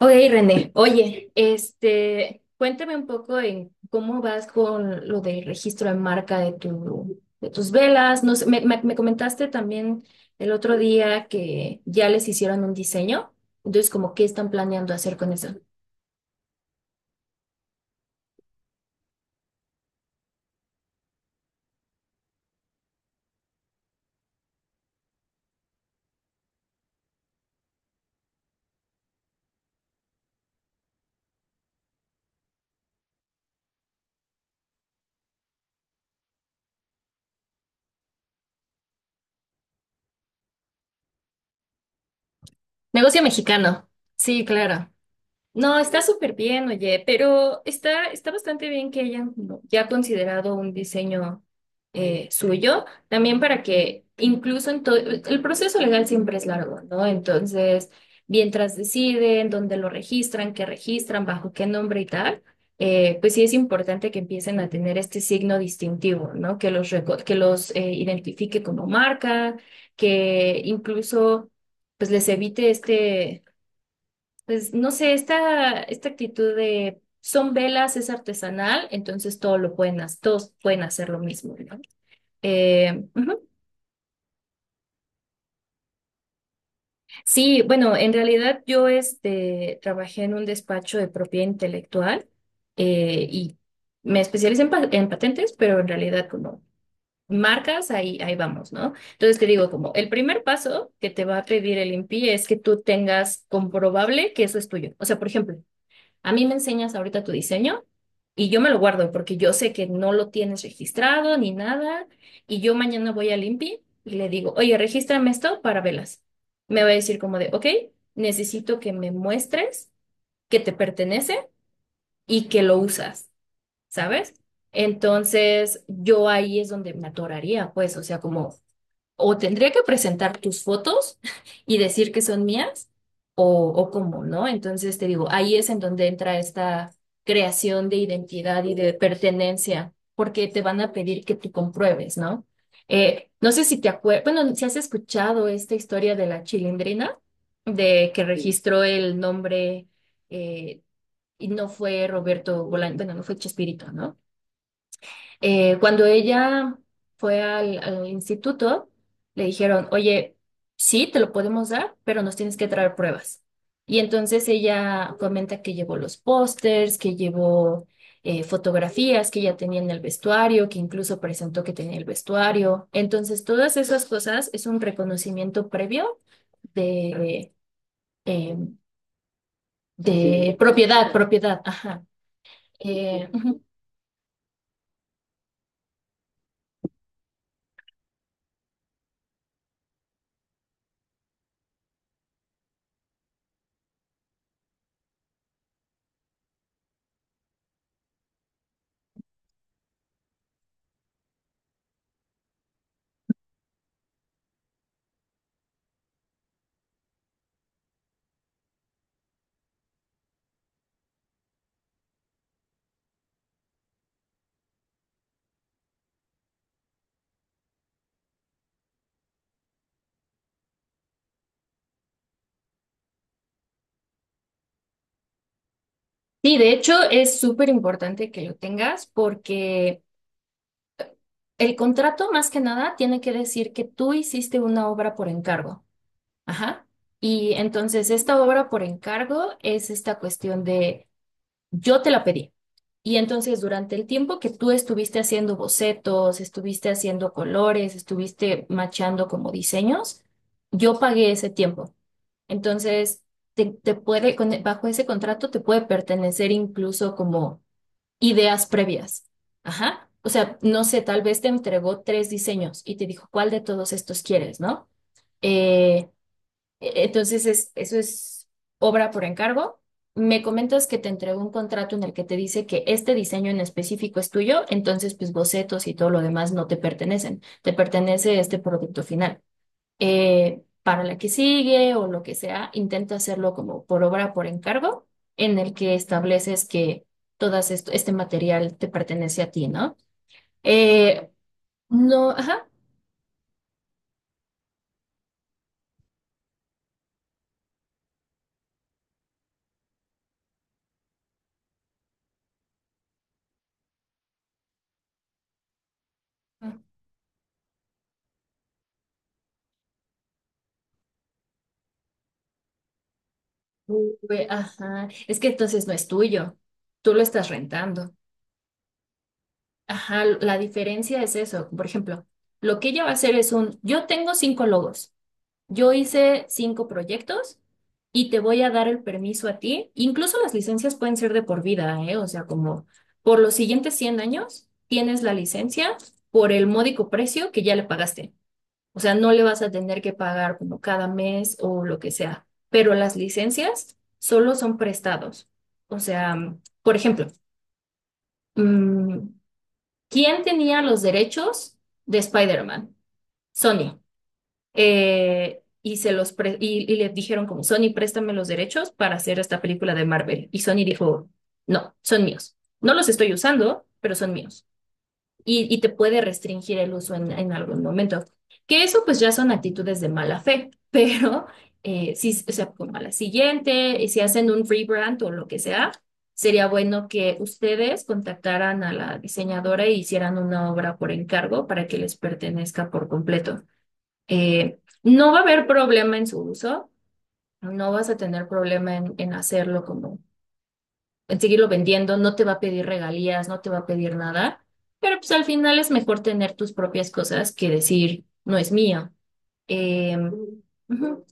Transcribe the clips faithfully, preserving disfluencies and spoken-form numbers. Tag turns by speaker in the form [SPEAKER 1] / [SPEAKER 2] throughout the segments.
[SPEAKER 1] Ok, René, oye, este, cuéntame un poco en cómo vas con lo del registro de marca de tu, de tus velas. No sé, me, me- me comentaste también el otro día que ya les hicieron un diseño. Entonces, como, ¿qué están planeando hacer con eso? Negocio mexicano. Sí, claro. No, está súper bien, oye, pero está, está bastante bien que hayan como ya considerado un diseño eh, suyo, también para que incluso en todo, el proceso legal siempre es largo, ¿no? Entonces, mientras deciden dónde lo registran, qué registran, bajo qué nombre y tal, eh, pues sí es importante que empiecen a tener este signo distintivo, ¿no? Que los, reco- que los eh, identifique como marca, que incluso pues les evite este. Pues no sé, esta, esta actitud de son velas, es artesanal, entonces todo lo pueden, ha- todos pueden hacer lo mismo, ¿no? Eh, ujú. Sí, bueno, en realidad yo este, trabajé en un despacho de propiedad intelectual eh, y me especialicé en, pa- en patentes, pero en realidad como marcas, ahí, ahí vamos, ¿no? Entonces te digo, como el primer paso que te va a pedir el INPI es que tú tengas comprobable que eso es tuyo. O sea, por ejemplo, a mí me enseñas ahorita tu diseño y yo me lo guardo porque yo sé que no lo tienes registrado ni nada. Y yo mañana voy al INPI y le digo, oye, regístrame esto para velas. Me va a decir como de, ok, necesito que me muestres que te pertenece y que lo usas, ¿sabes? Entonces, yo ahí es donde me atoraría, pues, o sea, como o tendría que presentar tus fotos y decir que son mías, o, o cómo, ¿no? Entonces te digo, ahí es en donde entra esta creación de identidad y de pertenencia, porque te van a pedir que tú compruebes, ¿no? Eh, no sé si te acuerdas, bueno, si has escuchado esta historia de la chilindrina, de que Sí. registró el nombre eh, y no fue Roberto Bolaño, bueno, no fue Chespirito, ¿no? Eh, cuando ella fue al, al instituto, le dijeron, oye, sí, te lo podemos dar, pero nos tienes que traer pruebas. Y entonces ella comenta que llevó los pósters, que llevó eh, fotografías que ella tenía en el vestuario, que incluso presentó que tenía el vestuario. Entonces, todas esas cosas es un reconocimiento previo de, eh, de propiedad, propiedad, ajá. Eh, ujú. Sí, de hecho es súper importante que lo tengas porque el contrato, más que nada, tiene que decir que tú hiciste una obra por encargo. Ajá. Y entonces esta obra por encargo es esta cuestión de yo te la pedí. Y entonces durante el tiempo que tú estuviste haciendo bocetos, estuviste haciendo colores, estuviste machando como diseños, yo pagué ese tiempo. Entonces, te, te puede, con- bajo ese contrato te puede pertenecer incluso como ideas previas. Ajá. O sea, no sé, tal vez te entregó tres diseños y te dijo, ¿cuál de todos estos quieres, no? Eh, e- entonces, es, eso es obra por encargo. Me comentas que te entregó un contrato en el que te dice que este diseño en específico es tuyo, entonces, pues bocetos y todo lo demás no te pertenecen, te pertenece este producto final eh, para la que sigue o lo que sea, intenta hacerlo como por obra, por encargo, en el que estableces que todo este material te pertenece a ti, ¿no? Eh, no, ajá. Uy, ajá. Es que entonces no es tuyo, tú lo estás rentando. Ajá, la diferencia es eso. Por ejemplo, lo que ella va a hacer es un, yo tengo cinco logos. Yo hice cinco proyectos y te voy a dar el permiso a ti. Incluso las licencias pueden ser de por vida, ¿eh? O sea, como por los siguientes cien años tienes la licencia por el módico precio que ya le pagaste. O sea, no le vas a tener que pagar como cada mes o lo que sea. Pero las licencias solo son prestados. O sea, por ejemplo, mm, ¿quién tenía los derechos de Spider-Man? Sony eh, y se los pre- y, y le dijeron como, Sony, préstame los derechos para hacer esta película de Marvel. Y Sony dijo, no, son míos. No los estoy usando, pero son míos. Y, y te puede restringir el uso en, en algún momento. Que eso pues ya son actitudes de mala fe, pero eh, si, o sea, como a la siguiente, y si hacen un rebrand o lo que sea, sería bueno que ustedes contactaran a la diseñadora e hicieran una obra por encargo para que les pertenezca por completo. Eh, no va a haber problema en su uso, no vas a tener problema en, en hacerlo como, en seguirlo vendiendo, no te va a pedir regalías, no te va a pedir nada, pero pues al final es mejor tener tus propias cosas que decir, no es mío. Eh, Ujú.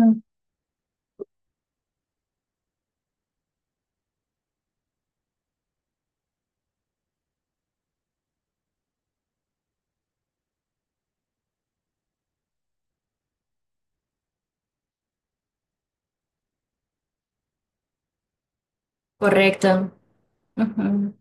[SPEAKER 1] Mm. Correcto. Ujú.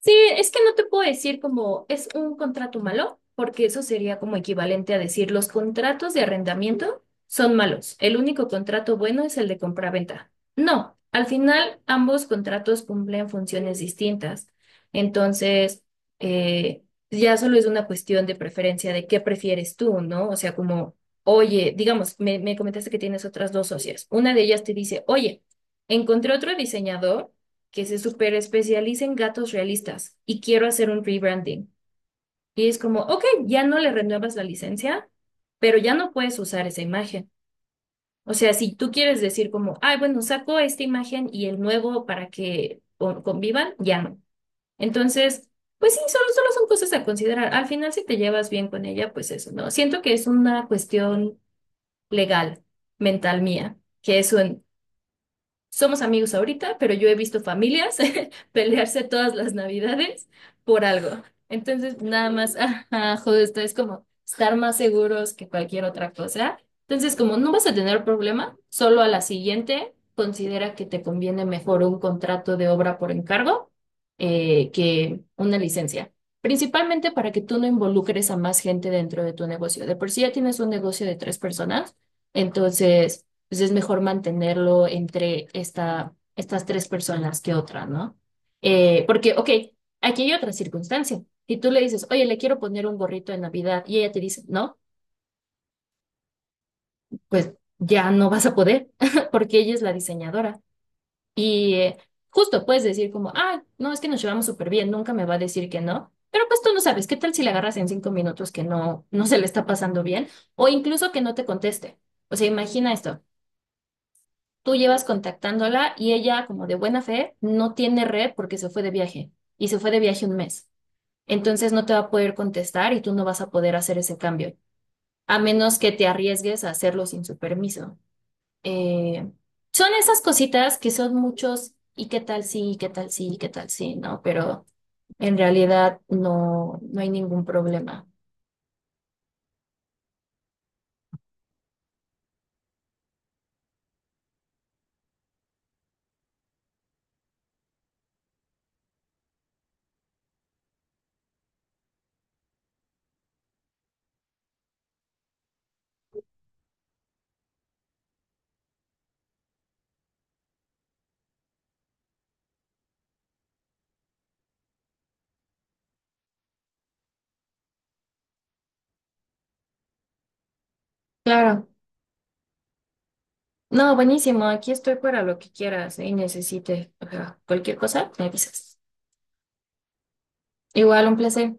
[SPEAKER 1] Sí, es que no te puedo decir como es un contrato malo, porque eso sería como equivalente a decir los contratos de arrendamiento son malos. El único contrato bueno es el de compraventa. No, al final ambos contratos cumplen funciones distintas. Entonces, eh, ya solo es una cuestión de preferencia de qué prefieres tú, ¿no? O sea, como, oye, digamos, me, me comentaste que tienes otras dos socias. Una de ellas te dice, oye, encontré otro diseñador que se super especializa en gatos realistas y quiero hacer un rebranding. Y es como, ok, ya no le renuevas la licencia, pero ya no puedes usar esa imagen. O sea, si tú quieres decir como, ay, bueno, saco esta imagen y el nuevo para que con- convivan, ya no. Entonces, pues sí, solo, solo son cosas a considerar. Al final, si te llevas bien con ella, pues eso, ¿no? Siento que es una cuestión legal, mental mía, que es un. Somos amigos ahorita, pero yo he visto familias pelearse todas las navidades por algo. Entonces, nada más, ajá, justo, es como estar más seguros que cualquier otra cosa. Entonces, como no vas a tener problema, solo a la siguiente considera que te conviene mejor un contrato de obra por encargo eh, que una licencia. Principalmente para que tú no involucres a más gente dentro de tu negocio. De por sí ya tienes un negocio de tres personas, entonces pues es mejor mantenerlo entre esta, estas tres personas que otra, ¿no? Eh, porque, ok, aquí hay otra circunstancia. Si tú le dices, oye, le quiero poner un gorrito de Navidad y ella te dice, no, pues ya no vas a poder porque ella es la diseñadora. Y eh, justo puedes decir como, ah, no, es que nos llevamos súper bien, nunca me va a decir que no. Pero pues tú no sabes, ¿qué tal si le agarras en cinco minutos que no, no se le está pasando bien? O incluso que no te conteste. O sea, imagina esto. Tú llevas contactándola y ella, como de buena fe, no tiene red porque se fue de viaje y se fue de viaje un mes. Entonces no te va a poder contestar y tú no vas a poder hacer ese cambio, a menos que te arriesgues a hacerlo sin su permiso. Eh, Son esas cositas que son muchos y qué tal sí, y qué tal sí, y qué tal sí, ¿no? Pero en realidad no, no hay ningún problema. Claro. No, buenísimo. Aquí estoy para lo que quieras, ¿eh? Y necesite. O sea, cualquier cosa, me avisas. Igual, un placer.